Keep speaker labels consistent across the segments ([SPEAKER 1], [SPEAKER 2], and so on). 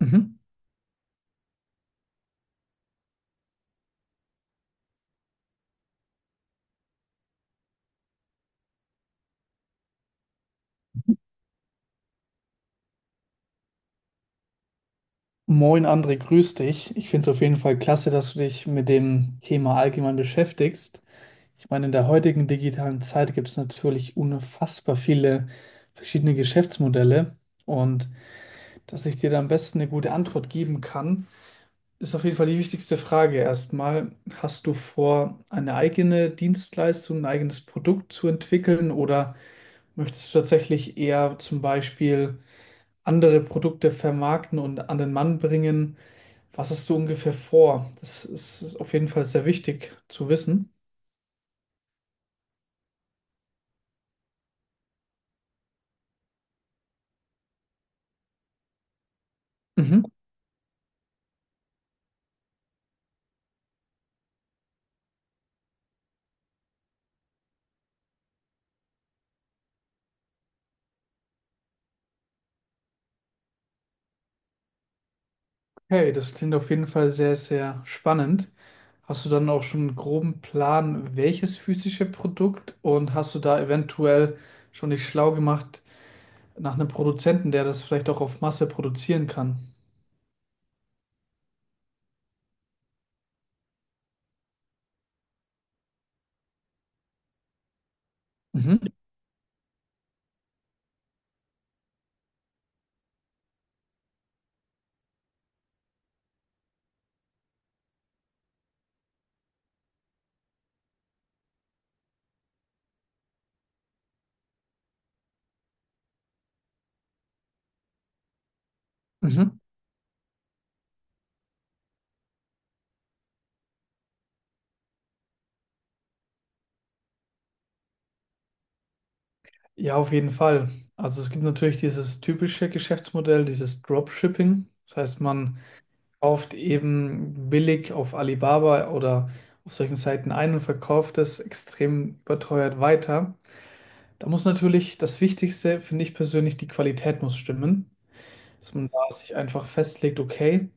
[SPEAKER 1] Mhm. Moin André, grüß dich. Ich finde es auf jeden Fall klasse, dass du dich mit dem Thema allgemein beschäftigst. Ich meine, in der heutigen digitalen Zeit gibt es natürlich unfassbar viele verschiedene Geschäftsmodelle und dass ich dir da am besten eine gute Antwort geben kann, ist auf jeden Fall die wichtigste Frage. Erstmal, hast du vor, eine eigene Dienstleistung, ein eigenes Produkt zu entwickeln oder möchtest du tatsächlich eher zum Beispiel andere Produkte vermarkten und an den Mann bringen? Was hast du ungefähr vor? Das ist auf jeden Fall sehr wichtig zu wissen. Mhm. Okay, das klingt auf jeden Fall sehr, sehr spannend. Hast du dann auch schon einen groben Plan, welches physische Produkt und hast du da eventuell schon dich schlau gemacht nach einem Produzenten, der das vielleicht auch auf Masse produzieren kann? Mhm. Mhm. Ja, auf jeden Fall. Also es gibt natürlich dieses typische Geschäftsmodell, dieses Dropshipping. Das heißt, man kauft eben billig auf Alibaba oder auf solchen Seiten ein und verkauft es extrem überteuert weiter. Da muss natürlich das Wichtigste, finde ich persönlich, die Qualität muss stimmen, dass man da sich einfach festlegt, okay,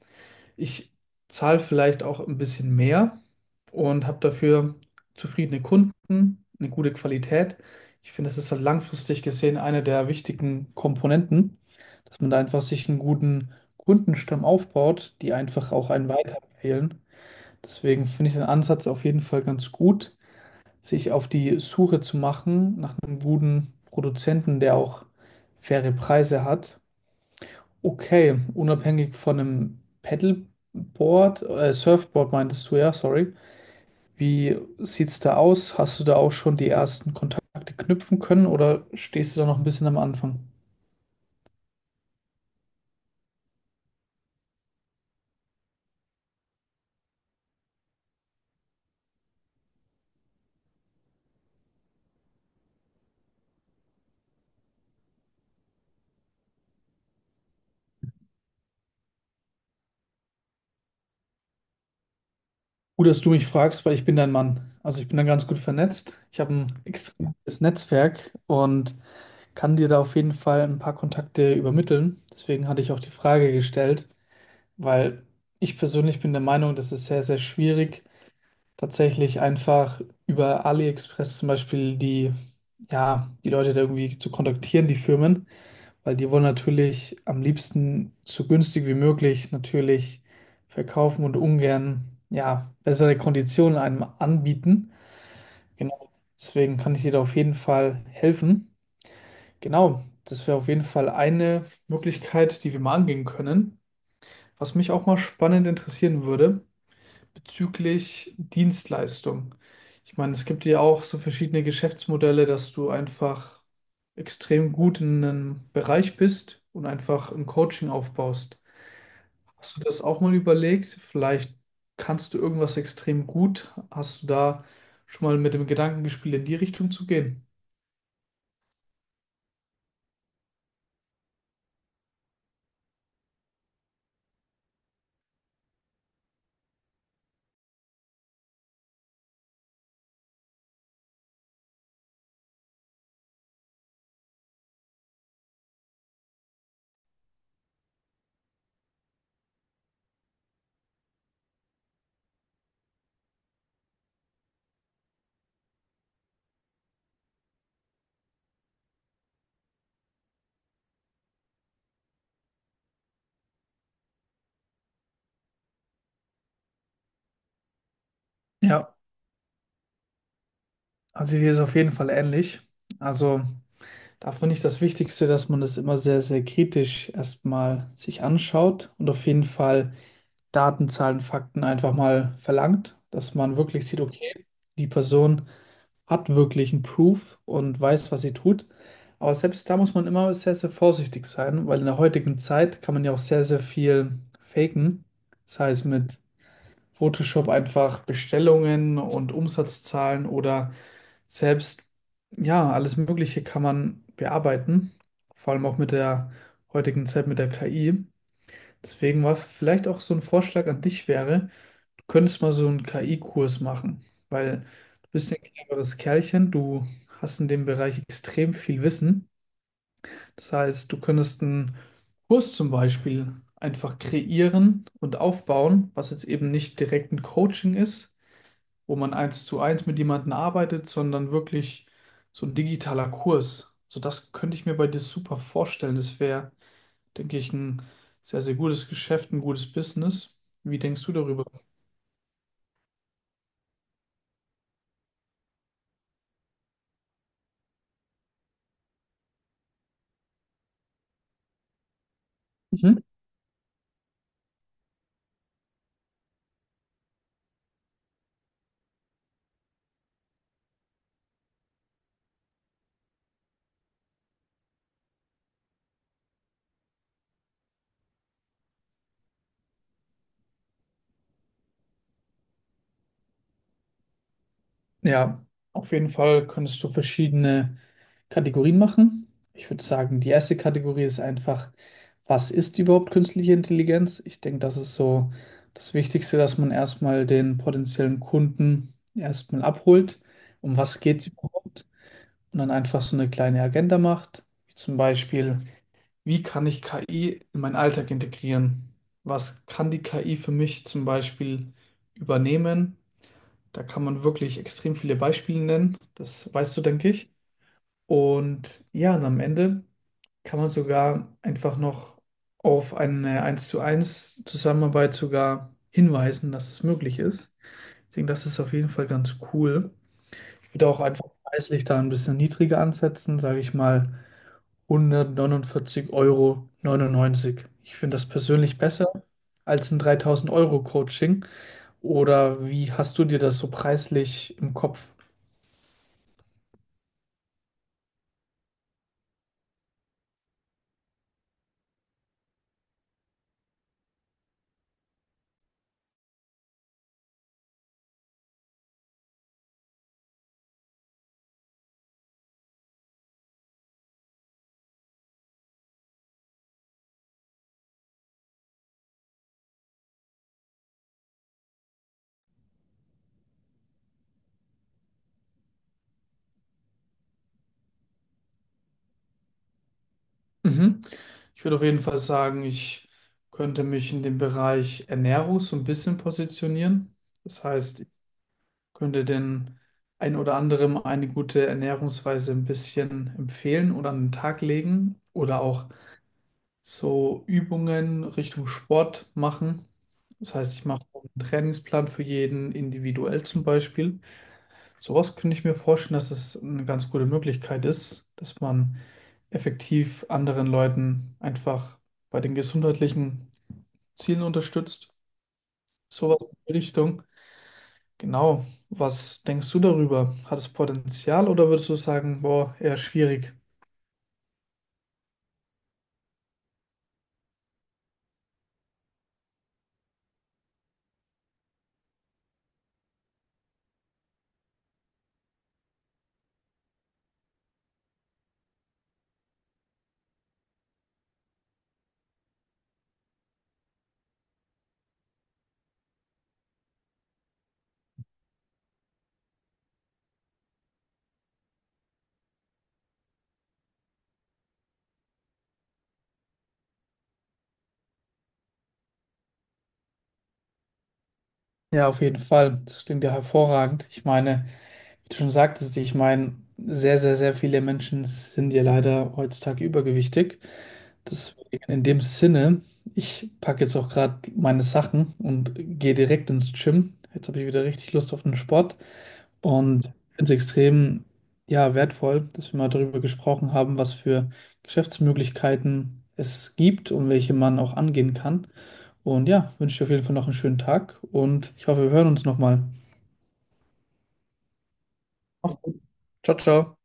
[SPEAKER 1] ich zahle vielleicht auch ein bisschen mehr und habe dafür zufriedene Kunden, eine gute Qualität. Ich finde, das ist halt langfristig gesehen eine der wichtigen Komponenten, dass man da einfach sich einen guten Kundenstamm aufbaut, die einfach auch einen weiterempfehlen. Deswegen finde ich den Ansatz auf jeden Fall ganz gut, sich auf die Suche zu machen nach einem guten Produzenten, der auch faire Preise hat. Okay, unabhängig von einem Paddleboard, Surfboard meintest du ja, sorry. Wie sieht's da aus? Hast du da auch schon die ersten Kontakte knüpfen können oder stehst du da noch ein bisschen am Anfang? Gut, dass du mich fragst, weil ich bin dein Mann. Also ich bin da ganz gut vernetzt. Ich habe ein extremes Netzwerk und kann dir da auf jeden Fall ein paar Kontakte übermitteln. Deswegen hatte ich auch die Frage gestellt, weil ich persönlich bin der Meinung, das ist sehr, sehr schwierig tatsächlich einfach über AliExpress zum Beispiel die, ja, die Leute da irgendwie zu kontaktieren, die Firmen, weil die wollen natürlich am liebsten so günstig wie möglich natürlich verkaufen und ungern, ja, bessere Konditionen einem anbieten. Genau, deswegen kann ich dir da auf jeden Fall helfen. Genau, das wäre auf jeden Fall eine Möglichkeit, die wir mal angehen können. Was mich auch mal spannend interessieren würde, bezüglich Dienstleistung. Ich meine, es gibt ja auch so verschiedene Geschäftsmodelle, dass du einfach extrem gut in einem Bereich bist und einfach ein Coaching aufbaust. Hast du das auch mal überlegt? Vielleicht kannst du irgendwas extrem gut. Hast du da schon mal mit dem Gedanken gespielt, in die Richtung zu gehen? Ja, also hier ist auf jeden Fall ähnlich. Also da finde ich das Wichtigste, dass man das immer sehr, sehr kritisch erstmal sich anschaut und auf jeden Fall Daten, Zahlen, Fakten einfach mal verlangt, dass man wirklich sieht, okay, die Person hat wirklich einen Proof und weiß, was sie tut. Aber selbst da muss man immer sehr, sehr vorsichtig sein, weil in der heutigen Zeit kann man ja auch sehr, sehr viel faken. Das heißt, mit Photoshop einfach Bestellungen und Umsatzzahlen oder selbst, ja, alles Mögliche kann man bearbeiten. Vor allem auch mit der heutigen Zeit mit der KI. Deswegen war vielleicht auch so ein Vorschlag an dich wäre, könntest mal so einen KI-Kurs machen, weil du bist ein cleveres Kerlchen, du hast in dem Bereich extrem viel Wissen. Das heißt, du könntest einen Kurs zum Beispiel einfach kreieren und aufbauen, was jetzt eben nicht direkt ein Coaching ist, wo man eins zu eins mit jemandem arbeitet, sondern wirklich so ein digitaler Kurs. So das könnte ich mir bei dir super vorstellen. Das wäre, denke ich, ein sehr, sehr gutes Geschäft, ein gutes Business. Wie denkst du darüber? Mhm. Ja, auf jeden Fall könntest du verschiedene Kategorien machen. Ich würde sagen, die erste Kategorie ist einfach, was ist überhaupt künstliche Intelligenz? Ich denke, das ist so das Wichtigste, dass man erstmal den potenziellen Kunden erstmal abholt, um was geht es überhaupt? Und dann einfach so eine kleine Agenda macht, wie zum Beispiel, wie kann ich KI in meinen Alltag integrieren? Was kann die KI für mich zum Beispiel übernehmen? Da kann man wirklich extrem viele Beispiele nennen. Das weißt du, denke ich. Und ja, und am Ende kann man sogar einfach noch auf eine eins zu eins Zusammenarbeit sogar hinweisen, dass das möglich ist. Ich denke, das ist auf jeden Fall ganz cool. Ich würde auch einfach preislich da ein bisschen niedriger ansetzen, sage ich mal 149,99 Euro neunundneunzig. Ich finde das persönlich besser als ein 3000 Euro Coaching. Oder wie hast du dir das so preislich im Kopf? Mhm. Ich würde auf jeden Fall sagen, ich könnte mich in dem Bereich Ernährung so ein bisschen positionieren. Das heißt, ich könnte den ein oder anderem eine gute Ernährungsweise ein bisschen empfehlen oder an den Tag legen oder auch so Übungen Richtung Sport machen. Das heißt, ich mache einen Trainingsplan für jeden individuell zum Beispiel. Sowas könnte ich mir vorstellen, dass es eine ganz gute Möglichkeit ist, dass man effektiv anderen Leuten einfach bei den gesundheitlichen Zielen unterstützt. Sowas in die Richtung. Genau. Was denkst du darüber? Hat es Potenzial oder würdest du sagen, boah, eher schwierig? Ja, auf jeden Fall. Das klingt ja hervorragend. Ich meine, wie du schon sagtest, ich meine, sehr, sehr, sehr viele Menschen sind ja leider heutzutage übergewichtig. Deswegen in dem Sinne, ich packe jetzt auch gerade meine Sachen und gehe direkt ins Gym. Jetzt habe ich wieder richtig Lust auf den Sport und finde es extrem, ja, wertvoll, dass wir mal darüber gesprochen haben, was für Geschäftsmöglichkeiten es gibt und welche man auch angehen kann. Und ja, wünsche dir auf jeden Fall noch einen schönen Tag und ich hoffe, wir hören uns nochmal. Mach's gut. Ciao, ciao.